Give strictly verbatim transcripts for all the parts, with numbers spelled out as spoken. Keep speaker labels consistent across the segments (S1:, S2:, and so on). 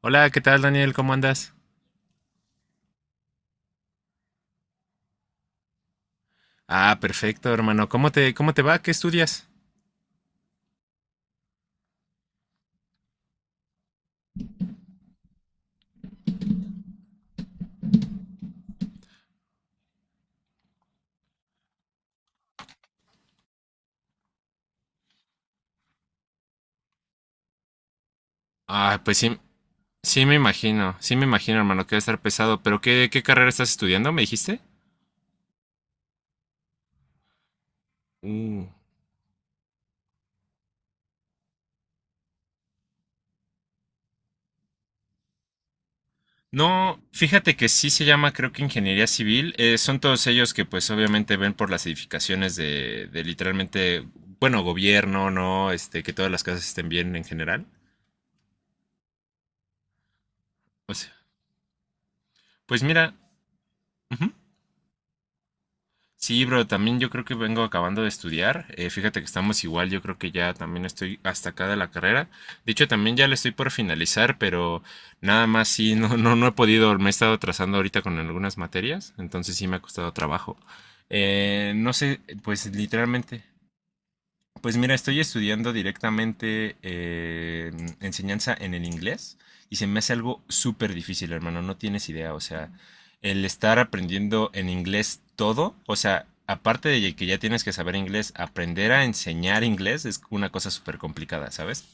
S1: Hola, ¿qué tal, Daniel? ¿Cómo andas? Ah, perfecto, hermano. ¿Cómo te, cómo te va? ¿Qué estudias? Ah, pues sí, sí me imagino, sí me imagino, hermano, que va a estar pesado. Pero ¿qué, qué carrera estás estudiando? ¿Me dijiste? Uh. No, fíjate que sí se llama, creo que ingeniería civil. Eh, son todos ellos que pues obviamente ven por las edificaciones de, de literalmente, bueno, gobierno, ¿no? Este, que todas las casas estén bien en general. O sea, pues mira, ujú. Sí, bro, también yo creo que vengo acabando de estudiar. Eh, fíjate que estamos igual, yo creo que ya también estoy hasta acá de la carrera. De hecho, también ya le estoy por finalizar, pero nada más sí, no, no, no he podido, me he estado atrasando ahorita con algunas materias, entonces sí me ha costado trabajo. Eh, no sé, pues literalmente, pues mira, estoy estudiando directamente eh, enseñanza en el inglés y se me hace algo súper difícil, hermano, no tienes idea, o sea, el estar aprendiendo en inglés todo, o sea, aparte de que ya tienes que saber inglés, aprender a enseñar inglés es una cosa súper complicada, ¿sabes?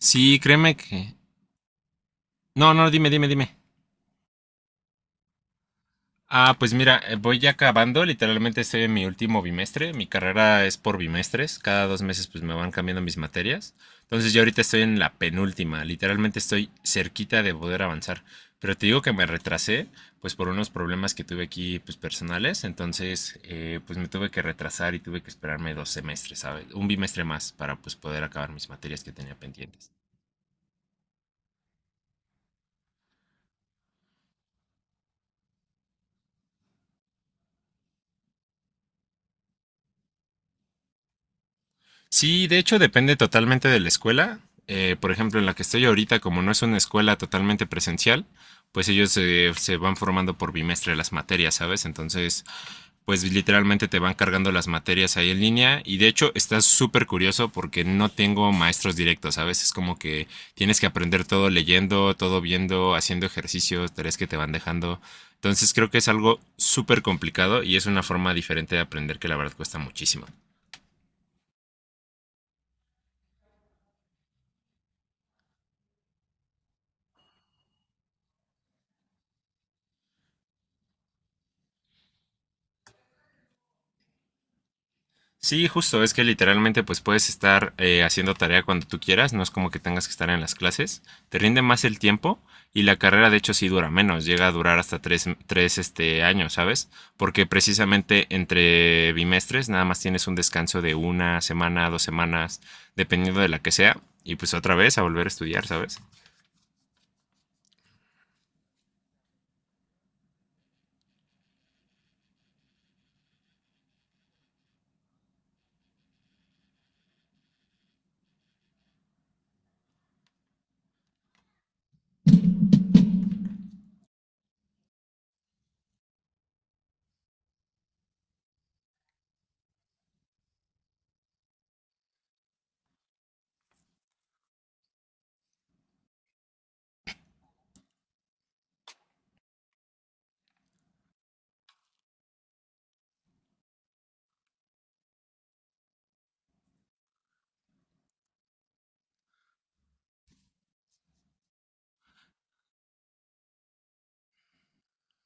S1: Sí, créeme que... No, no, dime, dime, dime. Ah, pues mira, eh, voy ya acabando, literalmente estoy en mi último bimestre, mi carrera es por bimestres, cada dos meses pues me van cambiando mis materias, entonces yo ahorita estoy en la penúltima, literalmente estoy cerquita de poder avanzar, pero te digo que me retrasé pues por unos problemas que tuve aquí pues personales, entonces eh, pues me tuve que retrasar y tuve que esperarme dos semestres, ¿sabes? Un bimestre más para pues poder acabar mis materias que tenía pendientes. Sí, de hecho depende totalmente de la escuela. Eh, por ejemplo, en la que estoy ahorita, como no es una escuela totalmente presencial, pues ellos eh, se van formando por bimestre las materias, ¿sabes? Entonces, pues literalmente te van cargando las materias ahí en línea y de hecho está súper curioso porque no tengo maestros directos, ¿sabes? Es como que tienes que aprender todo leyendo, todo viendo, haciendo ejercicios, tareas que te van dejando. Entonces creo que es algo súper complicado y es una forma diferente de aprender que la verdad cuesta muchísimo. Sí, justo, es que literalmente pues puedes estar eh, haciendo tarea cuando tú quieras, no es como que tengas que estar en las clases, te rinde más el tiempo y la carrera de hecho sí dura menos, llega a durar hasta tres, tres este, años, ¿sabes? Porque precisamente entre bimestres nada más tienes un descanso de una semana, dos semanas, dependiendo de la que sea, y pues otra vez a volver a estudiar, ¿sabes?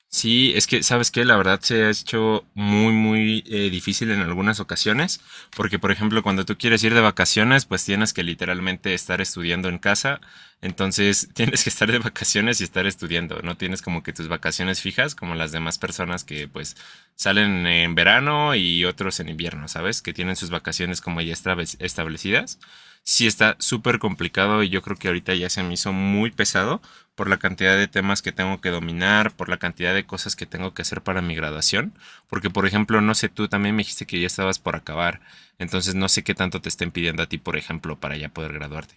S1: Sí, es que, ¿sabes qué? La verdad se ha hecho muy, muy eh, difícil en algunas ocasiones, porque por ejemplo, cuando tú quieres ir de vacaciones, pues tienes que literalmente estar estudiando en casa, entonces tienes que estar de vacaciones y estar estudiando, no tienes como que tus vacaciones fijas como las demás personas que pues salen en verano y otros en invierno, ¿sabes? Que tienen sus vacaciones como ya establec- establecidas. Sí, está súper complicado y yo creo que ahorita ya se me hizo muy pesado por la cantidad de temas que tengo que dominar, por la cantidad de cosas que tengo que hacer para mi graduación. Porque, por ejemplo, no sé, tú también me dijiste que ya estabas por acabar. Entonces, no sé qué tanto te estén pidiendo a ti, por ejemplo, para ya poder graduarte.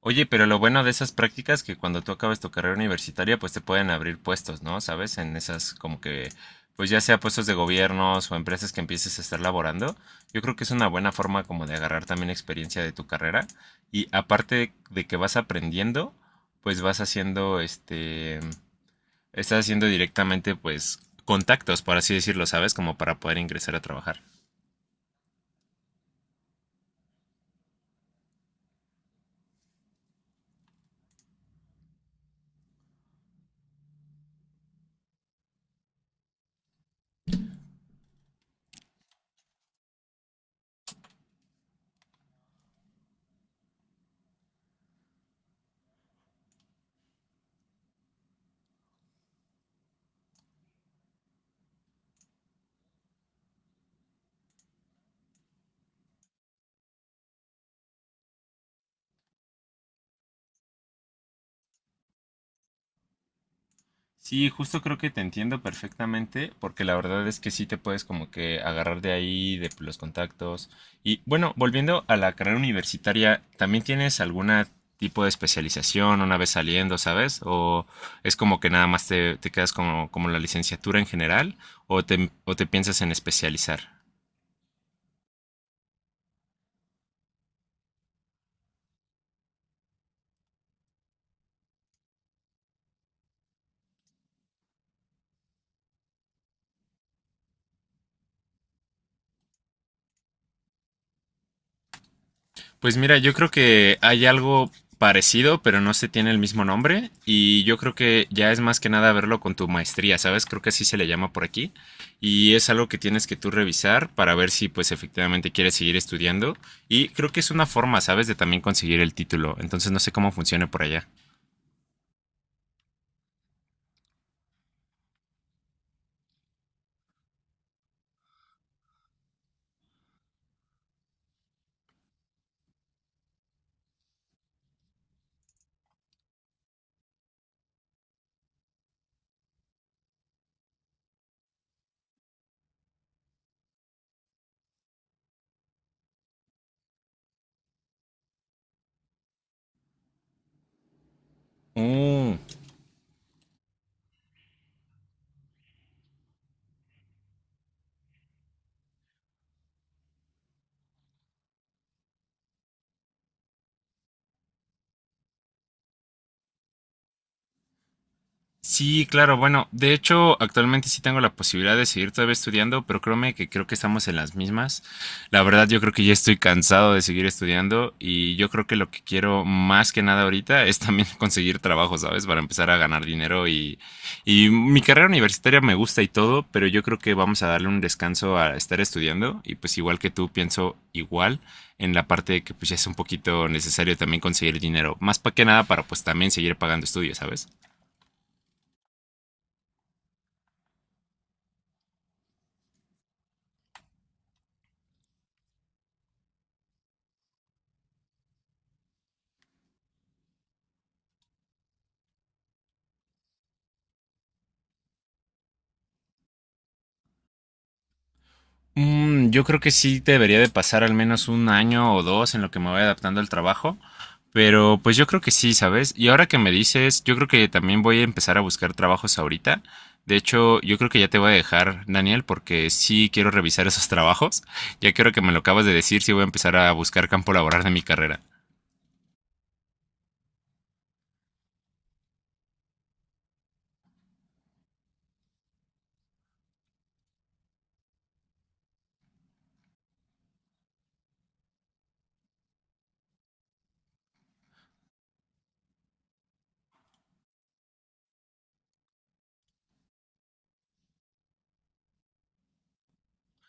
S1: Oye, pero lo bueno de esas prácticas es que cuando tú acabes tu carrera universitaria, pues te pueden abrir puestos, ¿no? ¿Sabes? En esas como que, pues ya sea puestos de gobiernos o empresas que empieces a estar laborando, yo creo que es una buena forma como de agarrar también experiencia de tu carrera y aparte de que vas aprendiendo, pues vas haciendo este, estás haciendo directamente pues contactos, por así decirlo, ¿sabes? Como para poder ingresar a trabajar. Sí, justo creo que te entiendo perfectamente, porque la verdad es que sí te puedes como que agarrar de ahí, de los contactos. Y bueno, volviendo a la carrera universitaria, ¿también tienes alguna tipo de especialización una vez saliendo, sabes? ¿O es como que nada más te, te quedas como, como la licenciatura en general? ¿O te, o te piensas en especializar? Pues mira, yo creo que hay algo parecido, pero no se tiene el mismo nombre. Y yo creo que ya es más que nada verlo con tu maestría, ¿sabes? Creo que así se le llama por aquí. Y es algo que tienes que tú revisar para ver si pues efectivamente quieres seguir estudiando. Y creo que es una forma, ¿sabes? De también conseguir el título. Entonces no sé cómo funcione por allá. Mm. Sí, claro, bueno, de hecho actualmente sí tengo la posibilidad de seguir todavía estudiando, pero créeme que creo que estamos en las mismas. La verdad yo creo que ya estoy cansado de seguir estudiando y yo creo que lo que quiero más que nada ahorita es también conseguir trabajo, ¿sabes? Para empezar a ganar dinero y, y mi carrera universitaria me gusta y todo, pero yo creo que vamos a darle un descanso a estar estudiando y pues igual que tú pienso igual en la parte de que pues ya es un poquito necesario también conseguir dinero, más para que nada para pues también seguir pagando estudios, ¿sabes? Mm, yo creo que sí debería de pasar al menos un año o dos en lo que me voy adaptando al trabajo. Pero pues yo creo que sí, ¿sabes? Y ahora que me dices, yo creo que también voy a empezar a buscar trabajos ahorita. De hecho, yo creo que ya te voy a dejar, Daniel, porque sí quiero revisar esos trabajos. Ya quiero que me lo acabas de decir, sí voy a empezar a buscar campo laboral de mi carrera.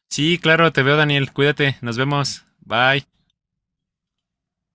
S1: Sí, claro, te veo, Daniel. Cuídate, nos vemos. Bye.